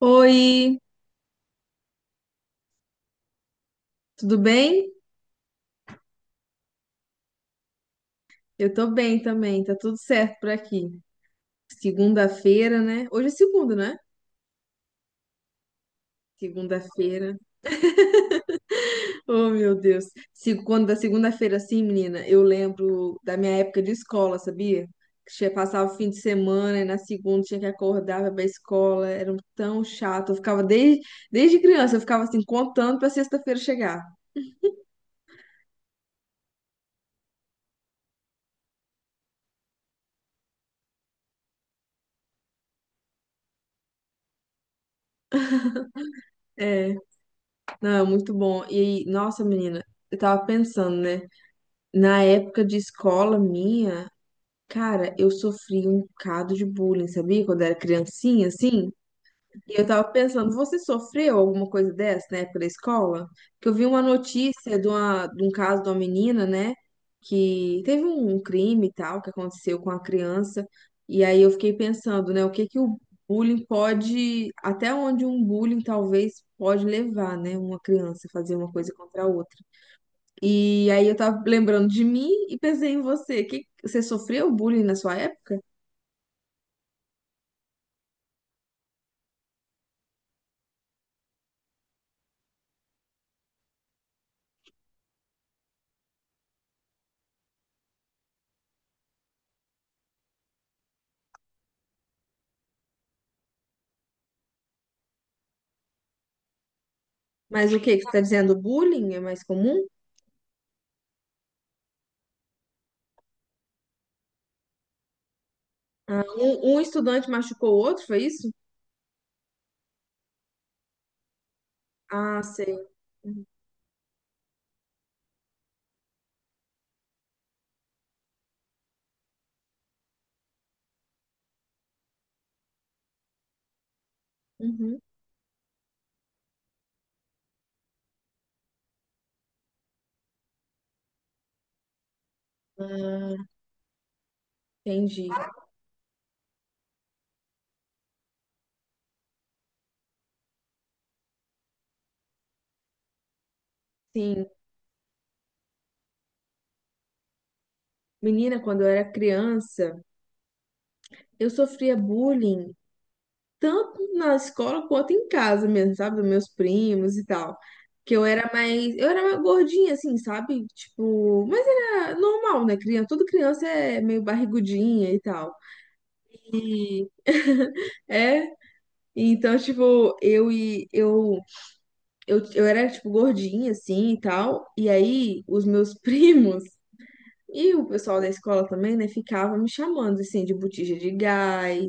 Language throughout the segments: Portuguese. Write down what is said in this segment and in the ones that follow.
Oi, tudo bem? Eu tô bem também, tá tudo certo por aqui. Segunda-feira, né? Hoje é segunda, né? Segunda-feira. Oh, meu Deus. Quando da segunda-feira, assim, menina, eu lembro da minha época de escola, sabia? Que tinha passava o fim de semana e na segunda tinha que acordar pra ir pra escola. Era tão chato. Desde criança, eu ficava assim, contando pra sexta-feira chegar. É, não, é muito bom. E, nossa, menina, eu tava pensando, né? Na época de escola minha. Cara, eu sofri um bocado de bullying, sabia? Quando eu era criancinha, assim. E eu tava pensando, você sofreu alguma coisa dessa na época da escola? Porque eu vi uma notícia de, uma, de um caso de uma menina, né? Que teve um crime e tal que aconteceu com a criança. E aí eu fiquei pensando, né? O que que o bullying pode. Até onde um bullying talvez pode levar, né? Uma criança a fazer uma coisa contra a outra. E aí eu tava lembrando de mim e pensei em você. Que, você sofreu bullying na sua época? Mas o que que você está dizendo? Bullying é mais comum? Ah, um estudante machucou o outro, foi isso? Ah, sei. Uhum. Ah, entendi. Sim. Menina, quando eu era criança, eu sofria bullying tanto na escola quanto em casa mesmo, sabe? Dos meus primos e tal. Que eu era mais. Eu era mais gordinha, assim, sabe? Tipo. Mas era normal, né? Criança, toda criança é meio barrigudinha e tal. E. É. Então, tipo, eu era, tipo, gordinha, assim, e tal. E aí, os meus primos e o pessoal da escola também, né, ficavam me chamando, assim, de botija de gás.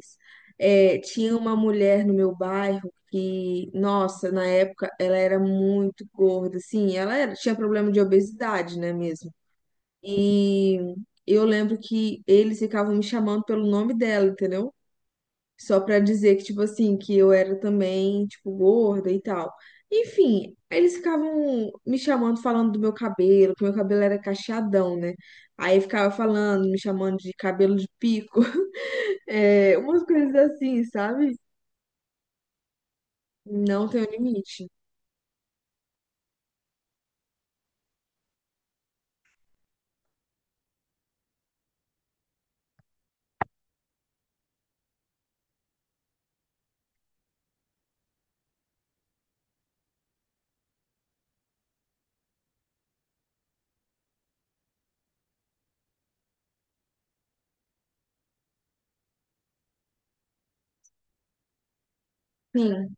É, tinha uma mulher no meu bairro que, nossa, na época, ela era muito gorda, assim. Tinha problema de obesidade, né, mesmo. E eu lembro que eles ficavam me chamando pelo nome dela, entendeu? Só pra dizer que, tipo assim, que eu era também, tipo, gorda e tal. Enfim, eles ficavam me chamando, falando do meu cabelo, que meu cabelo era cacheadão, né? Aí ficava falando, me chamando de cabelo de pico, é, umas coisas assim, sabe? Não tem um limite. Sim,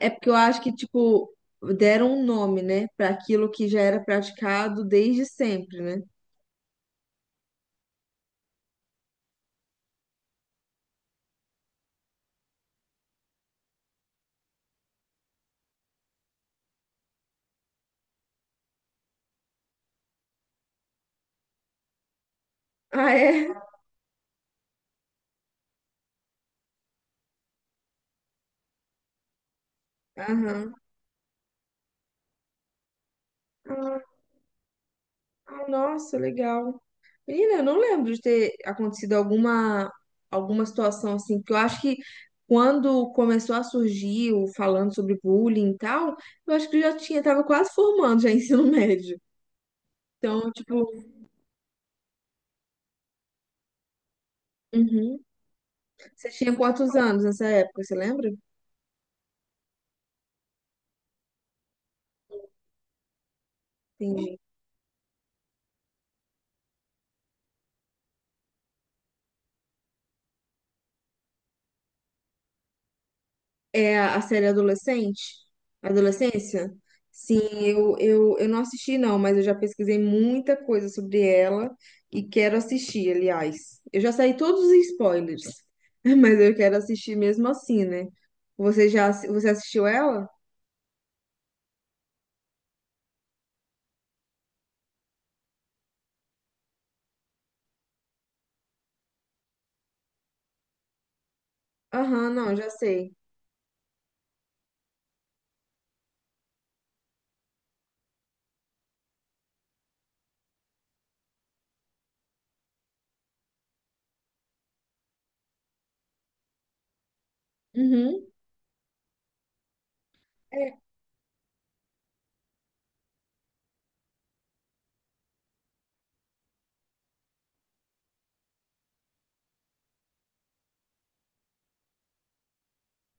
é porque eu acho que, tipo, deram um nome, né, pra aquilo que já era praticado desde sempre, né? Ah, é? Aham. Ah, nossa, legal. Menina, eu não lembro de ter acontecido alguma, alguma situação assim, porque eu acho que quando começou a surgir o falando sobre bullying e tal, eu acho que eu já tinha, tava quase formando já ensino médio. Então, tipo, uhum. Você tinha quantos anos nessa época, você lembra? Entendi. É a série adolescente? Adolescência? Sim, eu não assisti, não, mas eu já pesquisei muita coisa sobre ela e quero assistir, aliás. Eu já saí todos os spoilers, mas eu quero assistir mesmo assim, né? Você você assistiu ela? Aham, não, já sei. Uhum. É,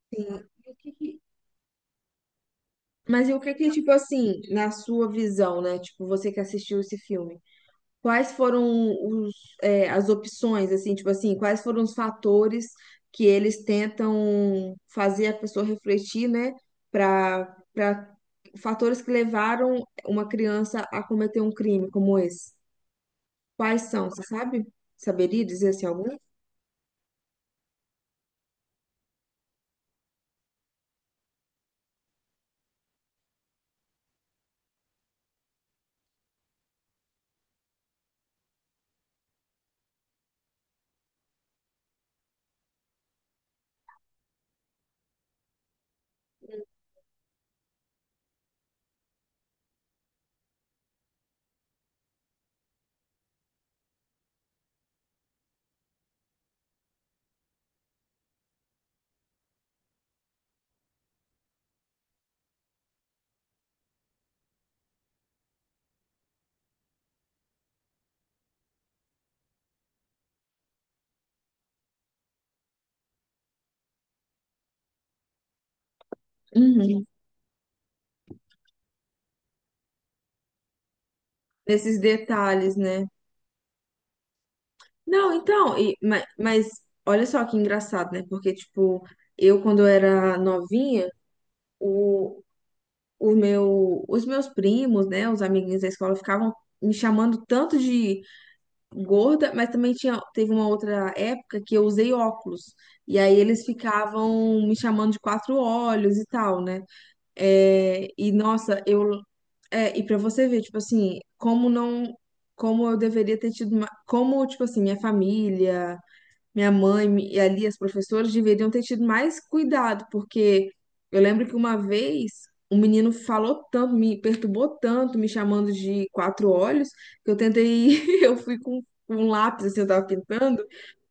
sim. Mas e o que que, tipo assim, na sua visão, né? Tipo, você que assistiu esse filme? Quais foram os, é, as opções, assim, tipo assim, quais foram os fatores que eles tentam fazer a pessoa refletir, né, para fatores que levaram uma criança a cometer um crime como esse? Quais são, você sabe? Saberia dizer assim algum? Uhum. Nesses detalhes, né? Não, então, e- ma- Mas, olha só que engraçado, né? Porque, tipo, eu quando eu era novinha, os meus primos, né, os amiguinhos da escola ficavam me chamando tanto de gorda, mas também tinha, teve uma outra época que eu usei óculos. E aí eles ficavam me chamando de quatro olhos e tal, né? É, e nossa, eu é, e para você ver, tipo assim, como não como eu deveria ter tido uma, como tipo assim, minha família minha mãe e ali as professoras deveriam ter tido mais cuidado, porque eu lembro que uma vez um menino falou tanto, me perturbou tanto, me chamando de quatro olhos, que eu tentei, eu fui com um lápis, assim, eu tava pintando,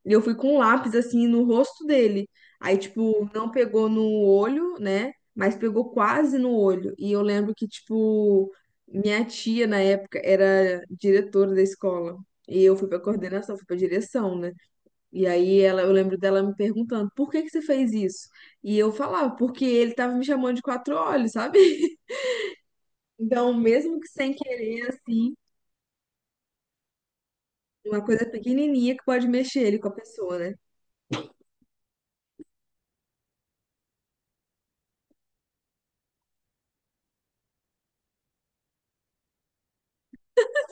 e eu fui com um lápis, assim, no rosto dele. Aí, tipo, não pegou no olho, né? Mas pegou quase no olho. E eu lembro que, tipo, minha tia, na época, era diretora da escola. E eu fui pra coordenação, fui pra direção, né? E aí ela, eu lembro dela me perguntando, por que que você fez isso? E eu falava, porque ele tava me chamando de quatro olhos, sabe? Então, mesmo que sem querer, assim, uma coisa pequenininha que pode mexer ele com a pessoa, né?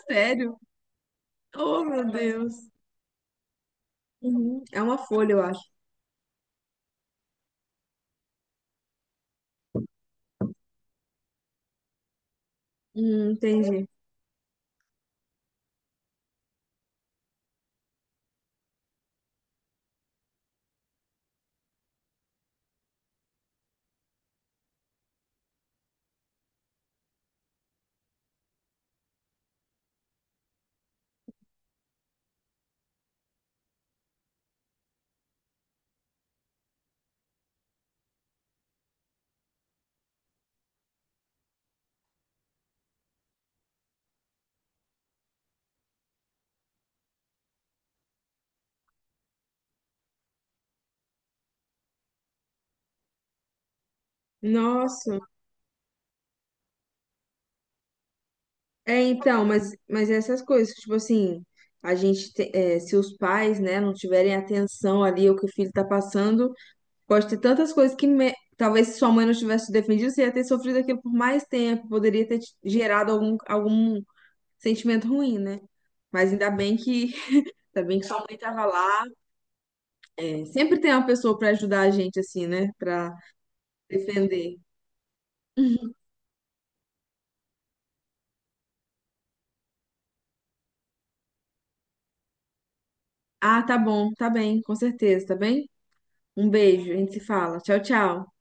Sério? Oh, meu Deus. Uhum. É uma folha, eu acho. Entendi. Nossa. É, então, mas essas coisas, tipo assim, a gente, te- é, se os pais, né, não tiverem atenção ali ao que o filho tá passando, pode ter tantas coisas talvez se sua mãe não tivesse te defendido, você ia ter sofrido aquilo por mais tempo, poderia ter te gerado algum, algum sentimento ruim, né? Mas ainda bem que, ainda bem que sua mãe estava lá. É, sempre tem uma pessoa para ajudar a gente, assim, né? Para defender. Ah, tá bom, tá bem, com certeza, tá bem? Um beijo, a gente se fala. Tchau, tchau.